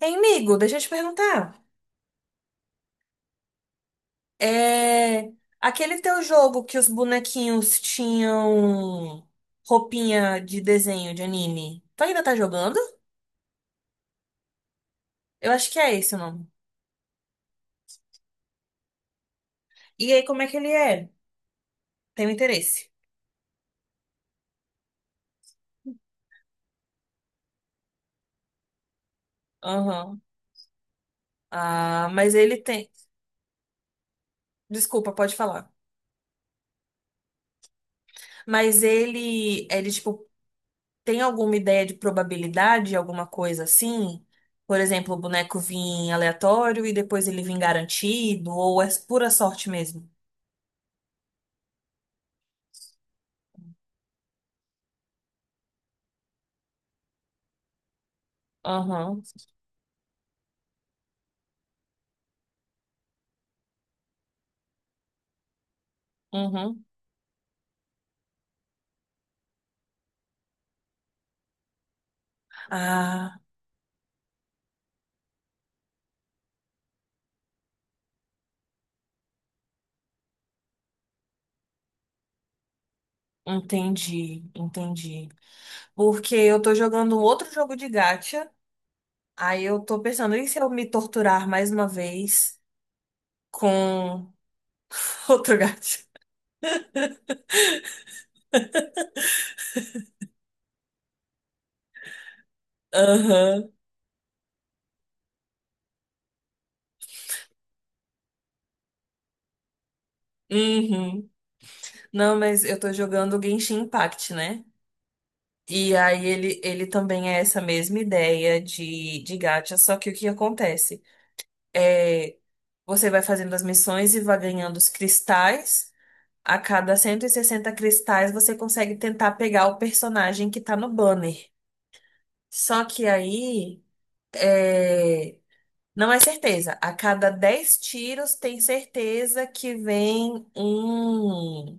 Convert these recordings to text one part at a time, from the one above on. Hein, amigo, deixa eu te perguntar. É... Aquele teu jogo que os bonequinhos tinham roupinha de desenho de anime, tu ainda tá jogando? Eu acho que é esse o nome. E aí, como é que ele é? Tenho interesse. Aham. Ah, mas ele tem. Desculpa, pode falar. Mas ele, tipo, tem alguma ideia de probabilidade, alguma coisa assim? Por exemplo, o boneco vir aleatório e depois ele vir garantido, ou é pura sorte mesmo? Aham. Uhum. Ah, entendi, entendi. Porque eu tô jogando um outro jogo de gacha, aí eu tô pensando, e se eu me torturar mais uma vez com outro gacha? Aham. Uhum. Não, mas eu tô jogando Genshin Impact, né? E aí ele também é essa mesma ideia de gacha, só que o que acontece? É, você vai fazendo as missões e vai ganhando os cristais. A cada 160 cristais você consegue tentar pegar o personagem que tá no banner. Só que aí é, não é certeza. A cada 10 tiros tem certeza que vem um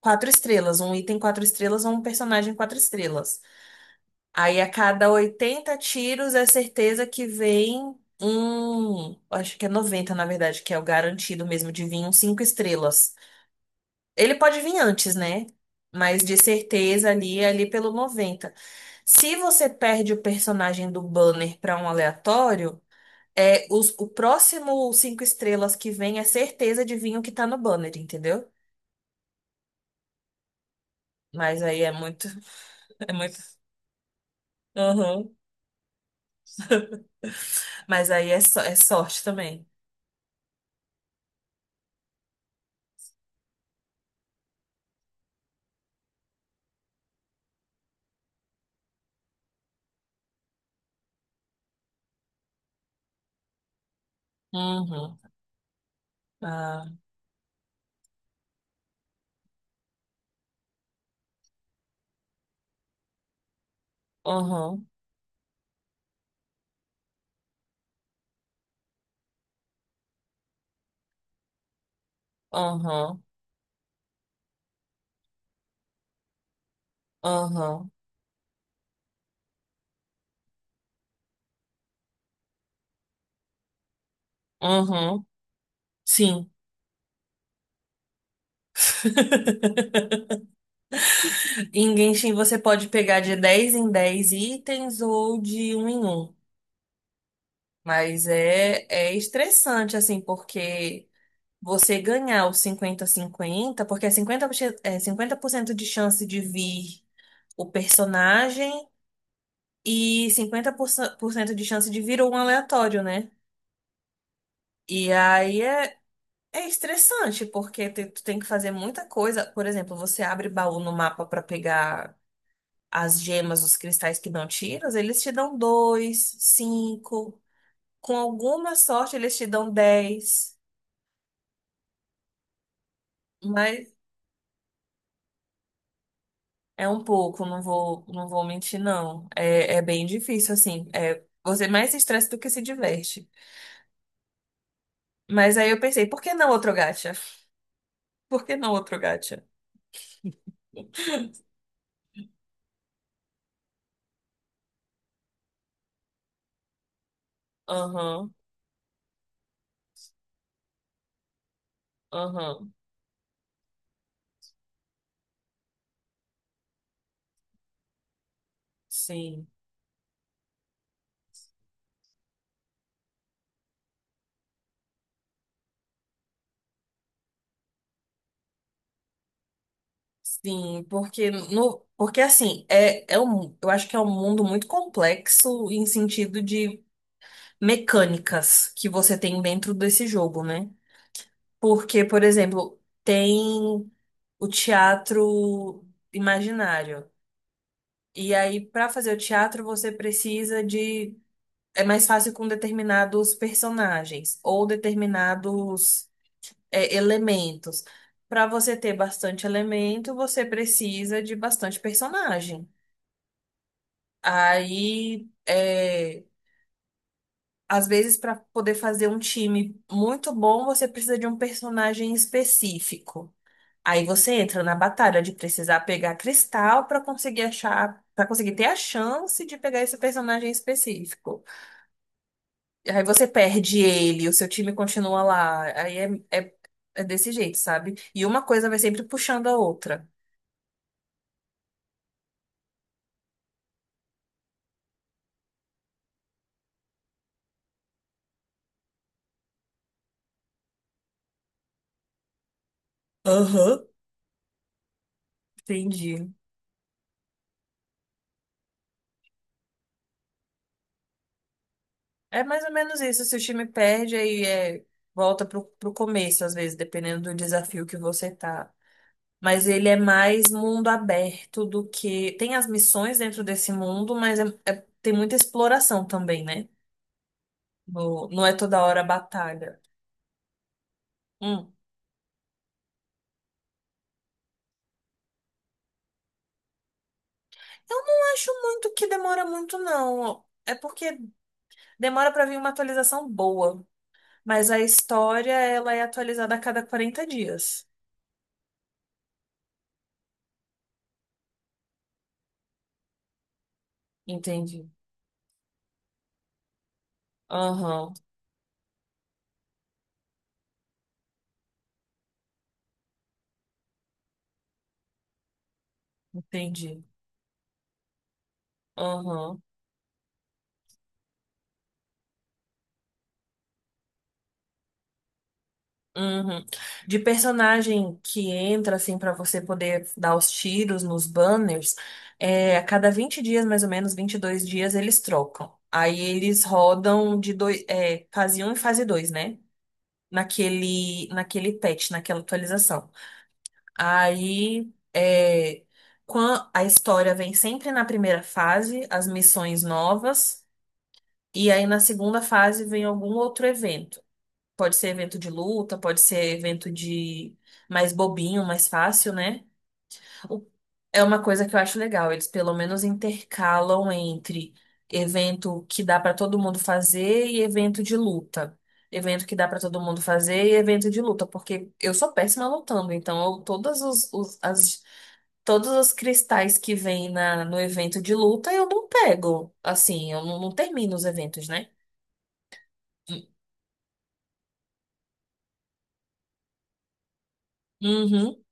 4 estrelas, um item 4 estrelas ou um personagem 4 estrelas. Aí a cada 80 tiros é certeza que vem um, acho que é 90 na verdade, que é o garantido mesmo de vir um 5 estrelas. Ele pode vir antes, né? Mas de certeza ali pelo 90. Se você perde o personagem do banner para um aleatório, o próximo 5 estrelas que vem é certeza de vir o que tá no banner, entendeu? Mas aí é muito, é muito. Uhum. Mas aí é sorte também. Uhum. Ah, uhum, uhum, uhum, uhum. Sim. Em Genshin você pode pegar de 10 em 10 itens ou de um em um. Mas é estressante, assim, porque você ganhar o 50/50 porque é 50%, é 50% de chance de vir o personagem e 50% de chance de vir um aleatório, né? E aí é estressante, porque tu tem que fazer muita coisa. Por exemplo, você abre baú no mapa para pegar as gemas, os cristais que não tiras, eles te dão dois, cinco. Com alguma sorte, eles te dão 10. Mas é um pouco, não vou mentir, não. É bem difícil, assim. É, você mais se estressa do que se diverte. Mas aí eu pensei, por que não outro gacha? Por que não outro gacha? Aham, aham. Sim. Sim, porque no, porque assim, eu acho que é um mundo muito complexo em sentido de mecânicas que você tem dentro desse jogo, né? Porque, por exemplo, tem o teatro imaginário. E aí, para fazer o teatro, você precisa de. É mais fácil com determinados personagens ou determinados elementos. Para você ter bastante elemento, você precisa de bastante personagem. Aí, às vezes, para poder fazer um time muito bom, você precisa de um personagem específico. Aí você entra na batalha de precisar pegar cristal para conseguir achar, para conseguir ter a chance de pegar esse personagem específico. Aí você perde ele, o seu time continua lá. Aí é, é, é desse jeito, sabe? E uma coisa vai sempre puxando a outra. Aham, entendi. É mais ou menos isso. Se o time perde, aí volta pro começo, às vezes, dependendo do desafio que você tá. Mas ele é mais mundo aberto do que. Tem as missões dentro desse mundo, mas tem muita exploração também, né? Não é toda hora batalha. Hum. Eu não acho muito que demora muito, não. É porque demora pra vir uma atualização boa. Mas a história, ela é atualizada a cada 40 dias. Entendi. Aham, entendi. Aham. Uhum. De personagem que entra, assim, pra você poder dar os tiros nos banners, a cada 20 dias, mais ou menos, 22 dias, eles trocam. Aí eles rodam de dois, fase um e fase dois, né? Naquele patch, naquela atualização. Aí, a história vem sempre na primeira fase, as missões novas, e aí na segunda fase vem algum outro evento. Pode ser evento de luta, pode ser evento de mais bobinho, mais fácil, né? O- É uma coisa que eu acho legal. Eles pelo menos intercalam entre evento que dá pra todo mundo fazer e evento de luta. Evento que dá pra todo mundo fazer e evento de luta, porque eu sou péssima lutando, então eu, todas os- as, todos os cristais que vêm no evento de luta eu não pego. Assim, eu não termino os eventos, né? Uhum.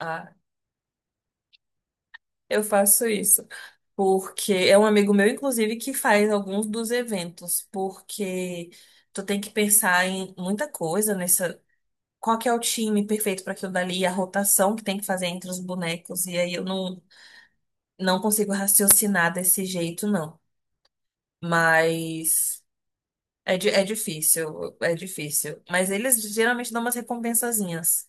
Ah, eu faço isso. Porque é um amigo meu, inclusive, que faz alguns dos eventos, porque tu tem que pensar em muita coisa nessa. Qual que é o time perfeito para aquilo dali, a rotação que tem que fazer entre os bonecos, e aí eu não consigo raciocinar desse jeito, não. Mas é difícil, é difícil. Mas eles geralmente dão umas recompensazinhas.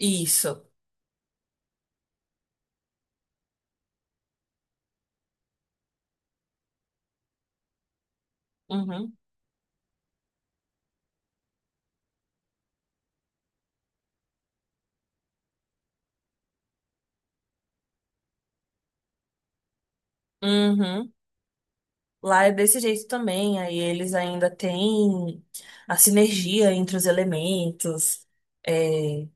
Isso. Uhum. Uhum. Lá é desse jeito também, aí eles ainda têm a sinergia entre os elementos, é,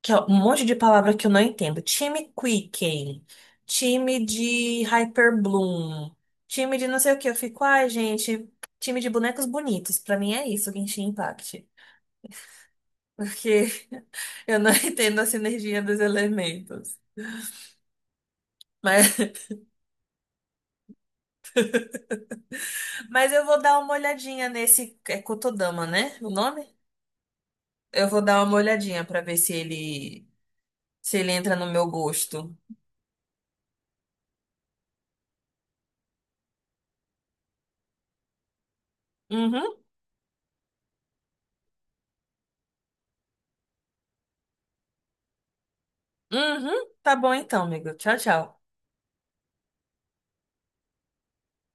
que é um monte de palavra que eu não entendo. Time Quicken, time de Hyperbloom, time de não sei o que. Eu fico, ai, gente, time de bonecos bonitos. Pra mim é isso, Genshin Impact. Porque eu não entendo a sinergia dos elementos. Mas, mas eu vou dar uma olhadinha nesse. É Kotodama, né? O nome? Eu vou dar uma olhadinha pra ver se ele entra no meu gosto. Uhum, uhum. Tá bom então, amigo. Tchau, tchau.